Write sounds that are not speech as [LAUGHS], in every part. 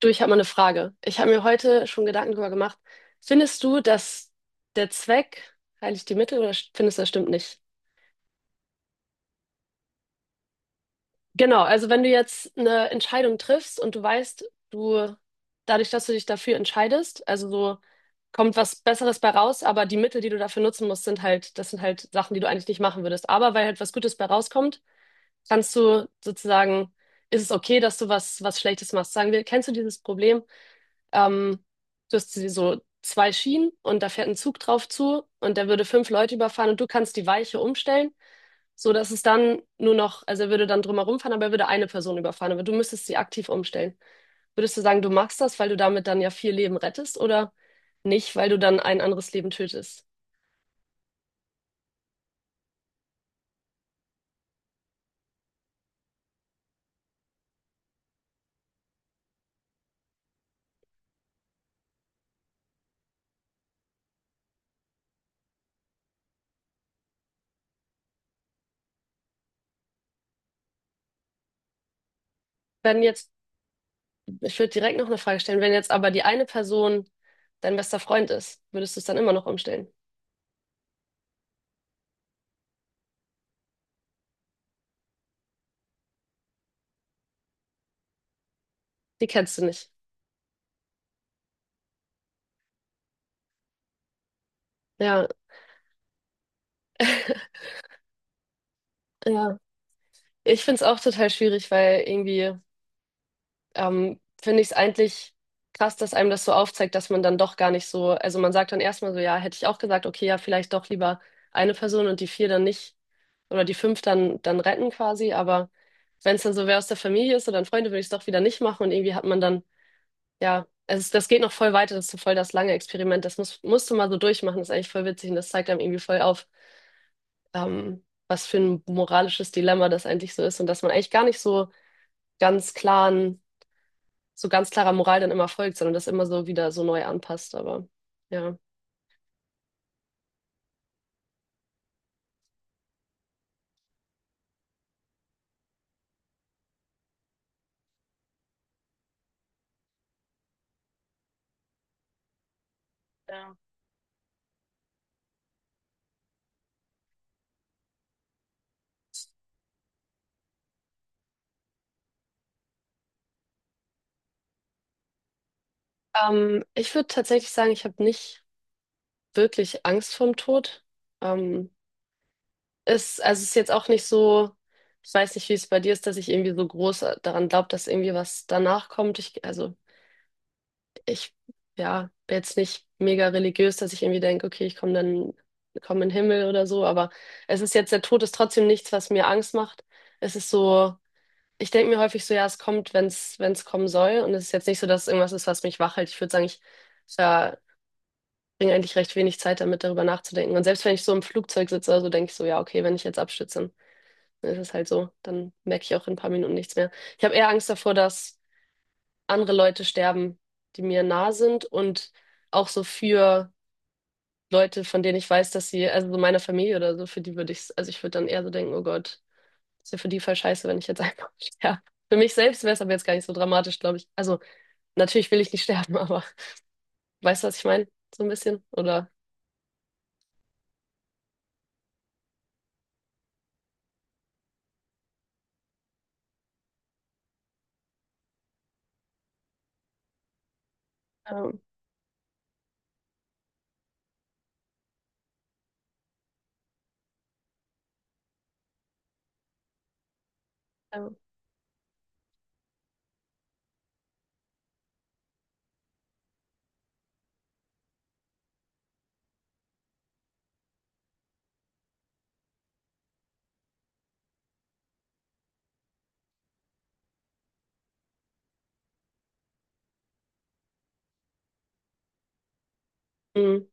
Du, ich habe mal eine Frage. Ich habe mir heute schon Gedanken darüber gemacht. Findest du, dass der Zweck heiligt die Mittel oder findest du, das stimmt nicht? Genau, also wenn du jetzt eine Entscheidung triffst und du weißt, du, dadurch, dass du dich dafür entscheidest, also so kommt was Besseres bei raus, aber die Mittel, die du dafür nutzen musst, sind halt, das sind halt Sachen, die du eigentlich nicht machen würdest. Aber weil halt was Gutes bei rauskommt, kannst du sozusagen, ist es okay, dass du was, was Schlechtes machst. Sagen wir, kennst du dieses Problem? Ähm, Du hast so zwei Schienen und da fährt ein Zug drauf zu und der würde fünf Leute überfahren und du kannst die Weiche umstellen, so dass es dann nur noch, also er würde dann drumherum fahren, aber er würde eine Person überfahren, aber du müsstest sie aktiv umstellen. Würdest du sagen, du machst das, weil du damit dann ja vier Leben rettest, oder nicht, weil du dann ein anderes Leben tötest? Wenn jetzt, ich würde direkt noch eine Frage stellen, wenn jetzt aber die eine Person dein bester Freund ist, würdest du es dann immer noch umstellen? Die kennst du nicht. Ja, [LAUGHS] ja. Ich finde es auch total schwierig, weil irgendwie finde ich es eigentlich krass, dass einem das so aufzeigt, dass man dann doch gar nicht so, also man sagt dann erstmal so, ja, hätte ich auch gesagt, okay, ja, vielleicht doch lieber eine Person und die vier dann nicht oder die fünf dann, dann retten quasi, aber wenn es dann so wer aus der Familie ist oder ein Freund, würde ich es doch wieder nicht machen und irgendwie hat man dann, ja, es ist, das geht noch voll weiter, das ist so voll das lange Experiment, das musst du mal so durchmachen, das ist eigentlich voll witzig und das zeigt einem irgendwie voll auf, was für ein moralisches Dilemma das eigentlich so ist und dass man eigentlich gar nicht so ganz klaren, so ganz klarer Moral dann immer folgt, sondern das immer so wieder so neu anpasst. Aber ja. Ja. Ich würde tatsächlich sagen, ich habe nicht wirklich Angst vorm Tod. Ähm, es, also es ist jetzt auch nicht so, ich weiß nicht, wie es bei dir ist, dass ich irgendwie so groß daran glaube, dass irgendwie was danach kommt. Ich, ja, bin jetzt nicht mega religiös, dass ich irgendwie denke, okay, ich komme dann, komme in den Himmel oder so. Aber es ist jetzt, der Tod ist trotzdem nichts, was mir Angst macht. Es ist so, ich denke mir häufig so, ja, es kommt, wenn es wenn es kommen soll. Und es ist jetzt nicht so, dass es irgendwas ist, was mich wach hält. Ich würde sagen, ich verbringe eigentlich recht wenig Zeit damit, darüber nachzudenken. Und selbst wenn ich so im Flugzeug sitze, also denke ich so, ja, okay, wenn ich jetzt abstütze, dann ist es halt so. Dann merke ich auch in ein paar Minuten nichts mehr. Ich habe eher Angst davor, dass andere Leute sterben, die mir nah sind, und auch so für Leute, von denen ich weiß, dass sie, also so meine Familie oder so, für die würde ich, also ich würde dann eher so denken, oh Gott. Ist ja für die voll scheiße, wenn ich jetzt einfach [LAUGHS] sterbe. Für mich selbst wäre es aber jetzt gar nicht so dramatisch, glaube ich. Also, natürlich will ich nicht [LAUGHS] sterben, aber weißt du, was ich meine? So ein bisschen? Oder? Ähm, ähm, mm,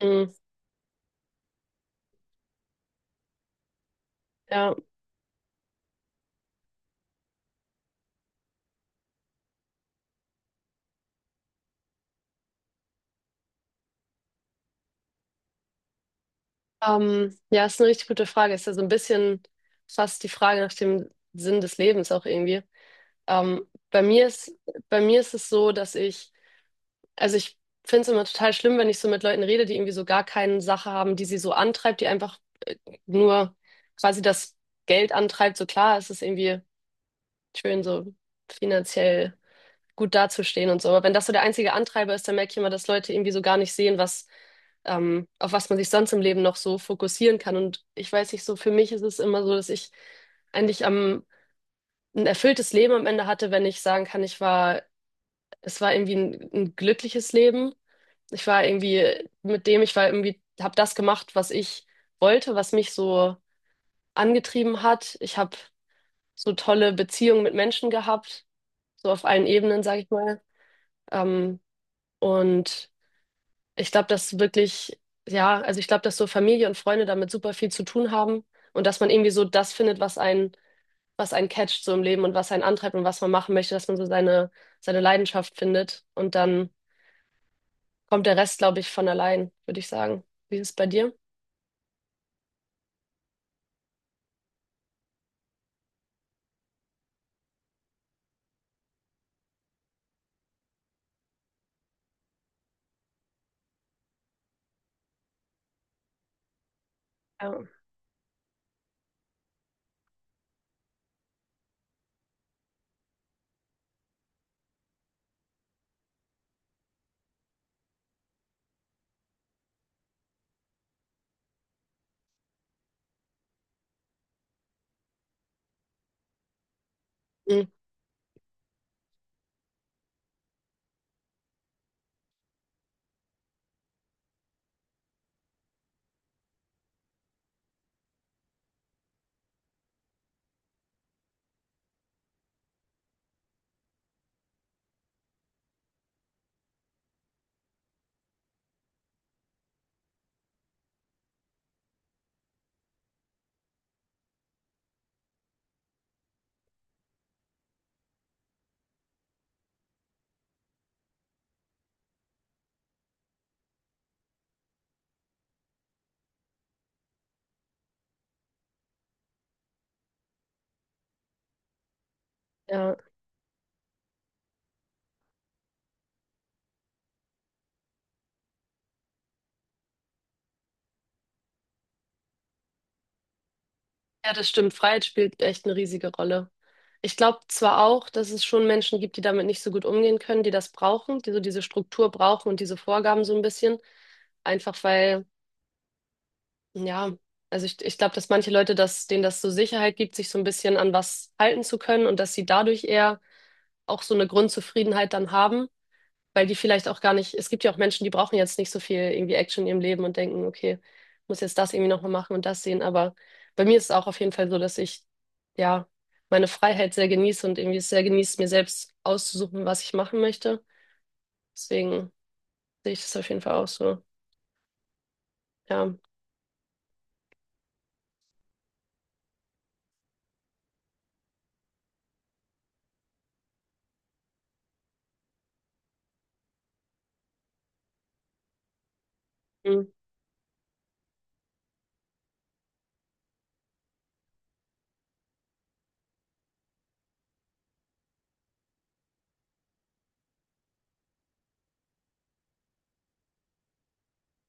mm, ja. Ja, ist eine richtig gute Frage. Ist ja so ein bisschen fast die Frage nach dem Sinn des Lebens auch irgendwie. Ähm, bei mir ist, bei mir ist es so, dass ich... Also ich finde es immer total schlimm, wenn ich so mit Leuten rede, die irgendwie so gar keine Sache haben, die sie so antreibt, die einfach äh, nur quasi das Geld antreibt. So klar, es ist irgendwie schön, so finanziell gut dazustehen und so. Aber wenn das so der einzige Antreiber ist, dann merke ich immer, dass Leute irgendwie so gar nicht sehen, was, auf was man sich sonst im Leben noch so fokussieren kann. Und ich weiß nicht, so für mich ist es immer so, dass ich eigentlich am, ein erfülltes Leben am Ende hatte, wenn ich sagen kann, ich war das war irgendwie ein glückliches Leben. Ich war irgendwie mit dem, ich war irgendwie, habe das gemacht, was ich wollte, was mich so angetrieben hat. Ich habe so tolle Beziehungen mit Menschen gehabt, so auf allen Ebenen, sage ich mal. Ähm, und ich glaube, dass wirklich, ja, also ich glaube, dass so Familie und Freunde damit super viel zu tun haben und dass man irgendwie so das findet, was einen catcht so im Leben und was einen antreibt und was man machen möchte, dass man so seine, seine Leidenschaft findet und dann kommt der Rest, glaube ich, von allein, würde ich sagen. Wie ist es bei dir? Ja. Mhm. Ja. Ja, das stimmt. Freiheit spielt echt eine riesige Rolle. Ich glaube zwar auch, dass es schon Menschen gibt, die damit nicht so gut umgehen können, die das brauchen, die so diese Struktur brauchen und diese Vorgaben so ein bisschen. Einfach weil, ja, ich glaube, dass manche Leute, das, denen das so Sicherheit gibt, sich so ein bisschen an was halten zu können und dass sie dadurch eher auch so eine Grundzufriedenheit dann haben. Weil die vielleicht auch gar nicht, es gibt ja auch Menschen, die brauchen jetzt nicht so viel irgendwie Action in ihrem Leben und denken, okay, muss jetzt das irgendwie nochmal machen und das sehen. Aber bei mir ist es auch auf jeden Fall so, dass ich ja meine Freiheit sehr genieße und irgendwie es sehr genieße, mir selbst auszusuchen, was ich machen möchte. Deswegen sehe ich das auf jeden Fall auch so. Ja, Mhm.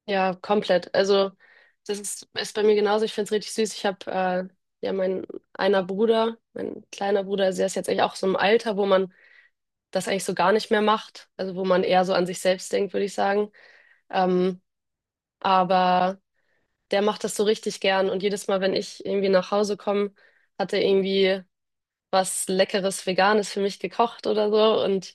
ja, komplett. Also das ist, ist bei mir genauso. Ich finde es richtig süß. Ich habe ja mein einer Bruder, mein kleiner Bruder, also der ist jetzt eigentlich auch so im Alter, wo man das eigentlich so gar nicht mehr macht. Also wo man eher so an sich selbst denkt, würde ich sagen. Ähm, aber der macht das so richtig gern. Und jedes Mal, wenn ich irgendwie nach Hause komme, hat er irgendwie was Leckeres, Veganes für mich gekocht oder so. Und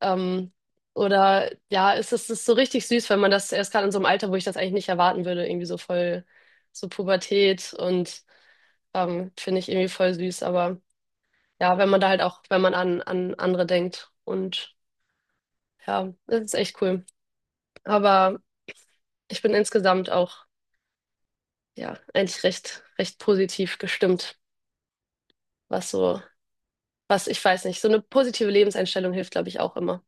ähm, oder ja, es ist so richtig süß, wenn man das erst gerade in so einem Alter, wo ich das eigentlich nicht erwarten würde, irgendwie so voll so Pubertät und finde ich irgendwie voll süß. Aber ja, wenn man da halt auch, wenn man an, an andere denkt und ja, das ist echt cool. Aber ich bin insgesamt auch, ja, eigentlich recht, recht positiv gestimmt, was so, was, ich weiß nicht, so eine positive Lebenseinstellung hilft, glaube ich, auch immer.